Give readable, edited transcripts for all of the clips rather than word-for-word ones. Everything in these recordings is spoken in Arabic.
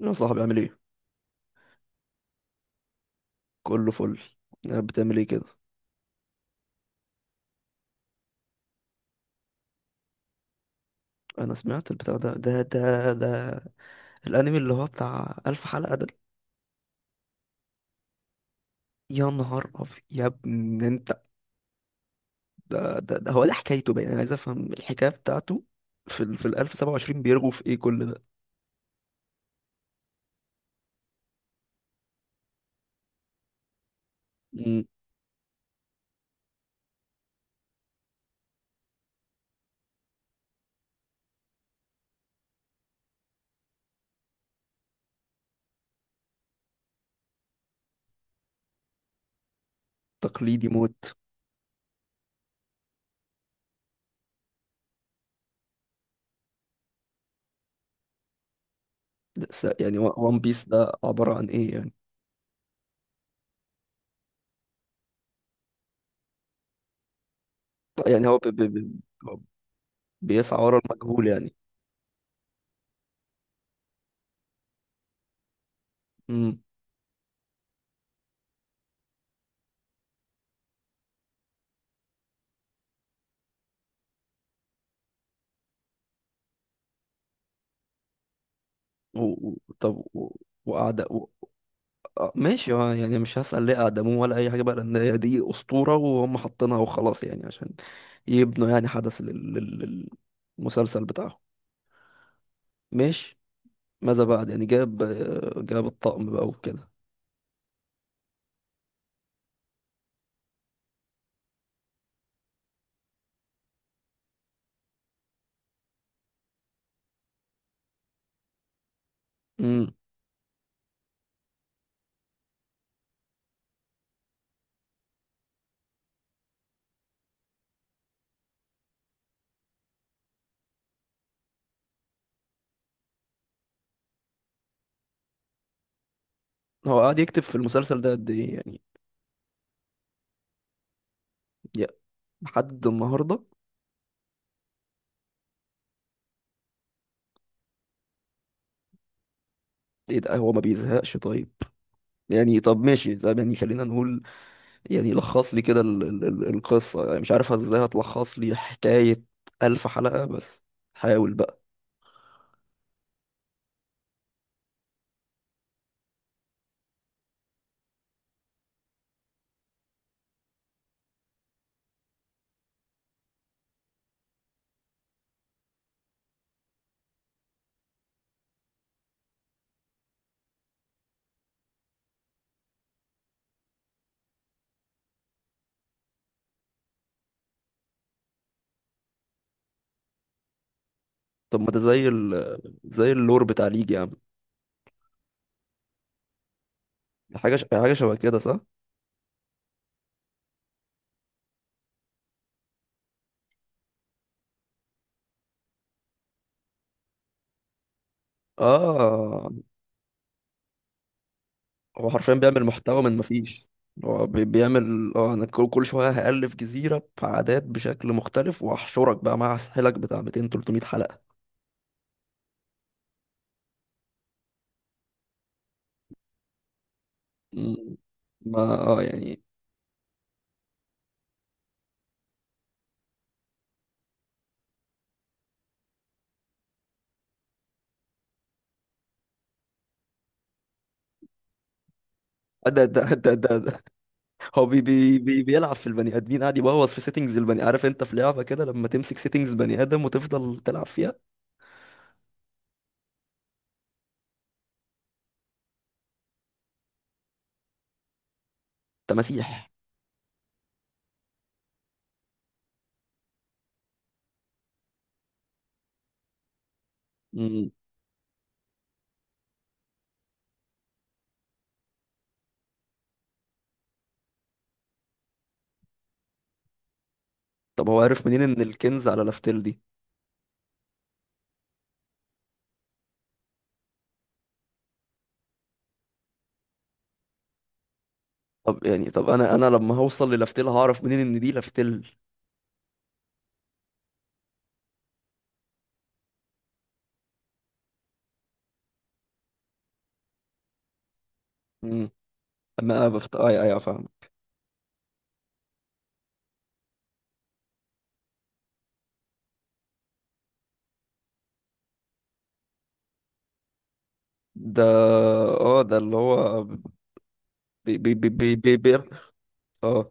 يا صاحبي، عامل ايه؟ كله فل. قاعد بتعمل ايه كده؟ انا سمعت البتاع ده. الانمي اللي هو بتاع الف حلقة ده. يا نهار ابيض يا ابن انت. ده هو ده حكايته بقى، انا عايز افهم الحكاية بتاعته. في ال 1027، بيرغوا في ايه كل ده؟ مم. تقليدي موت. يعني وان بيس ده عبارة عن ايه يعني؟ يعني هو بي بي بي بيسعى ورا المجهول يعني. امم. طب وأعداء. ماشي. يعني مش هسأل ليه أقدموه ولا أي حاجة بقى، لأن هي دي أسطورة وهم حاطينها وخلاص يعني، عشان يبنوا يعني حدث للمسلسل بتاعهم. ماشي. ماذا بعد؟ يعني جاب الطقم بقى وكده. امم. هو قاعد يكتب في المسلسل ده قد إيه يعني؟ يا- لحد النهاردة؟ إيه ده، هو ما بيزهقش؟ طيب يعني، طب ماشي، طب يعني خلينا نقول، يعني لخص لي كده القصة. يعني مش عارف ازاي هتلخص لي حكاية ألف حلقة، بس حاول بقى. طب ما ده زي زي اللور بتاع ليج يا عم. حاجه شبه كده صح؟ اه. هو حرفيا بيعمل محتوى من مفيش. هو بيعمل، انا كل شويه هألف جزيره بعادات بشكل مختلف واحشرك بقى مع سحلك بتاع 200 300 حلقه. مم. ما يعني. ده. هو بي بي بي بيلعب في البني ادمين، قاعد يبوظ في سيتنجز البني. عارف انت في لعبه كده لما تمسك سيتنجز بني ادم وتفضل تلعب فيها. تماسيح. مم. طب هو عارف منين ان الكنز على لافتيل دي؟ طب يعني، طب انا لما هوصل للافتيل هعرف منين ان دي لافتيل؟ امم. اما انا بخت، اي فاهم. ده، اه ده اللي هو بي بي بي بي بي بي اه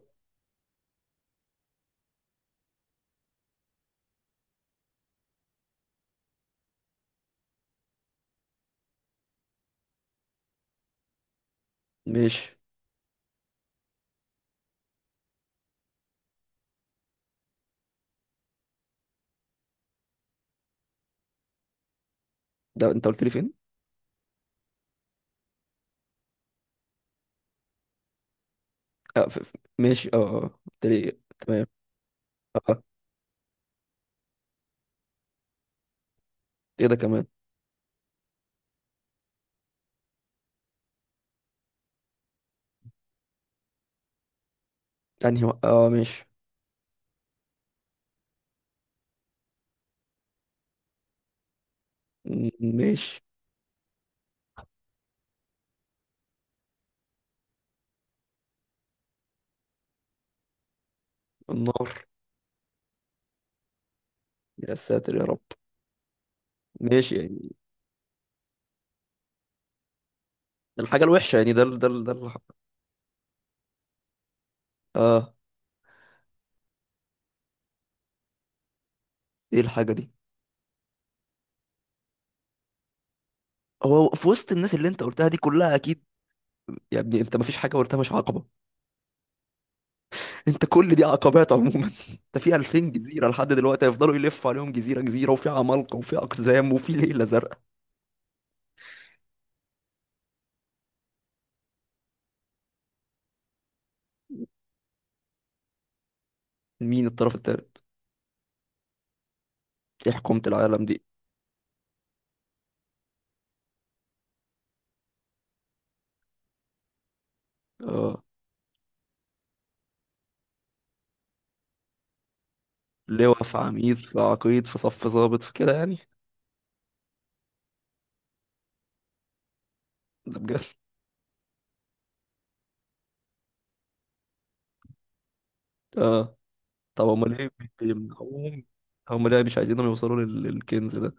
ماشي. ده انت قلت لي فين؟ ماشي، اه. اه، قلت لي. تمام. اه. ايه ده كمان؟ انهي اه، ماشي. م- ماشي. النار. يا ساتر يا رب. ماشي يعني. الحاجة الوحشة يعني ده ال- ده ال- ده الح- اه. ايه الحاجة دي؟ هو في وسط الناس اللي انت قلتها دي كلها اكيد. يا ابني انت مفيش حاجة قلتها مش عقبة. انت كل دي عقبات عموما. انت في 2000 جزيره لحد دلوقتي هيفضلوا يلفوا عليهم جزيره جزيره، وفي عمالقه وفي اقزام وفي ليله زرقاء. مين الطرف الثالث؟ دي حكومه العالم دي؟ اه. لواء في عميد في عقيد في صف ضابط في كده يعني. ده بجد. اه. طب امال ليه بيمنعوهم؟ هم ليه مش عايزينهم يوصلوا للكنز ده؟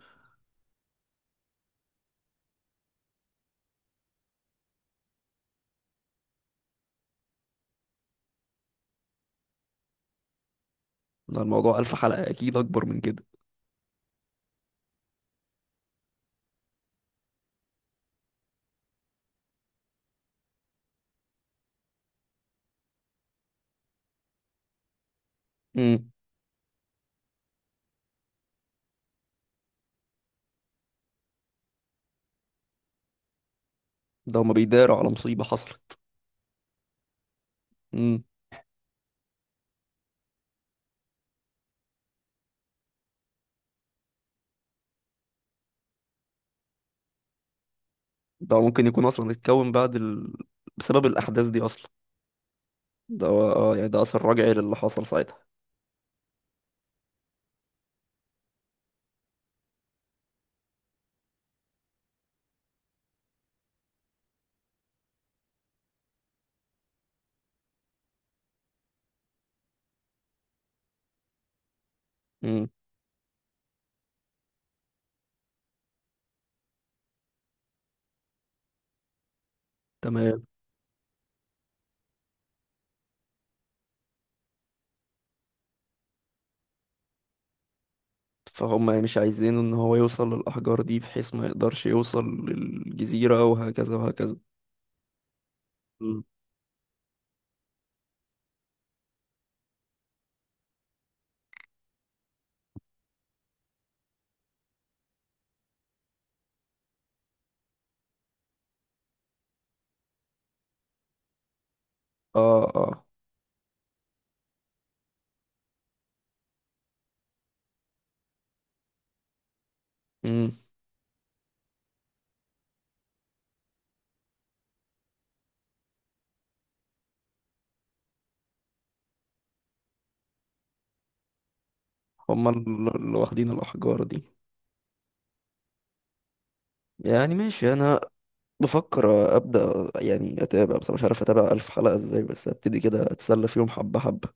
ده الموضوع الف حلقه اكيد اكبر من كده. امم. ده هم بيداروا على مصيبه حصلت. امم. ده ممكن يكون اصلا اتكون بعد بسبب الاحداث دي اصلا. ده هو، يعني ده اثر رجعي للي حصل ساعتها. امم. تمام. فهم مش عايزين ان هو يوصل للاحجار دي بحيث ما يقدرش يوصل للجزيره، وهكذا وهكذا. مم. اه، اه. امم. هم اللي واخدين الاحجار دي. يعني ماشي، انا بفكر ابدا يعني اتابع، بس مش عارف اتابع الف حلقه ازاي، بس ابتدي كده اتسلى فيهم حبه حبه.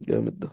جامد ده.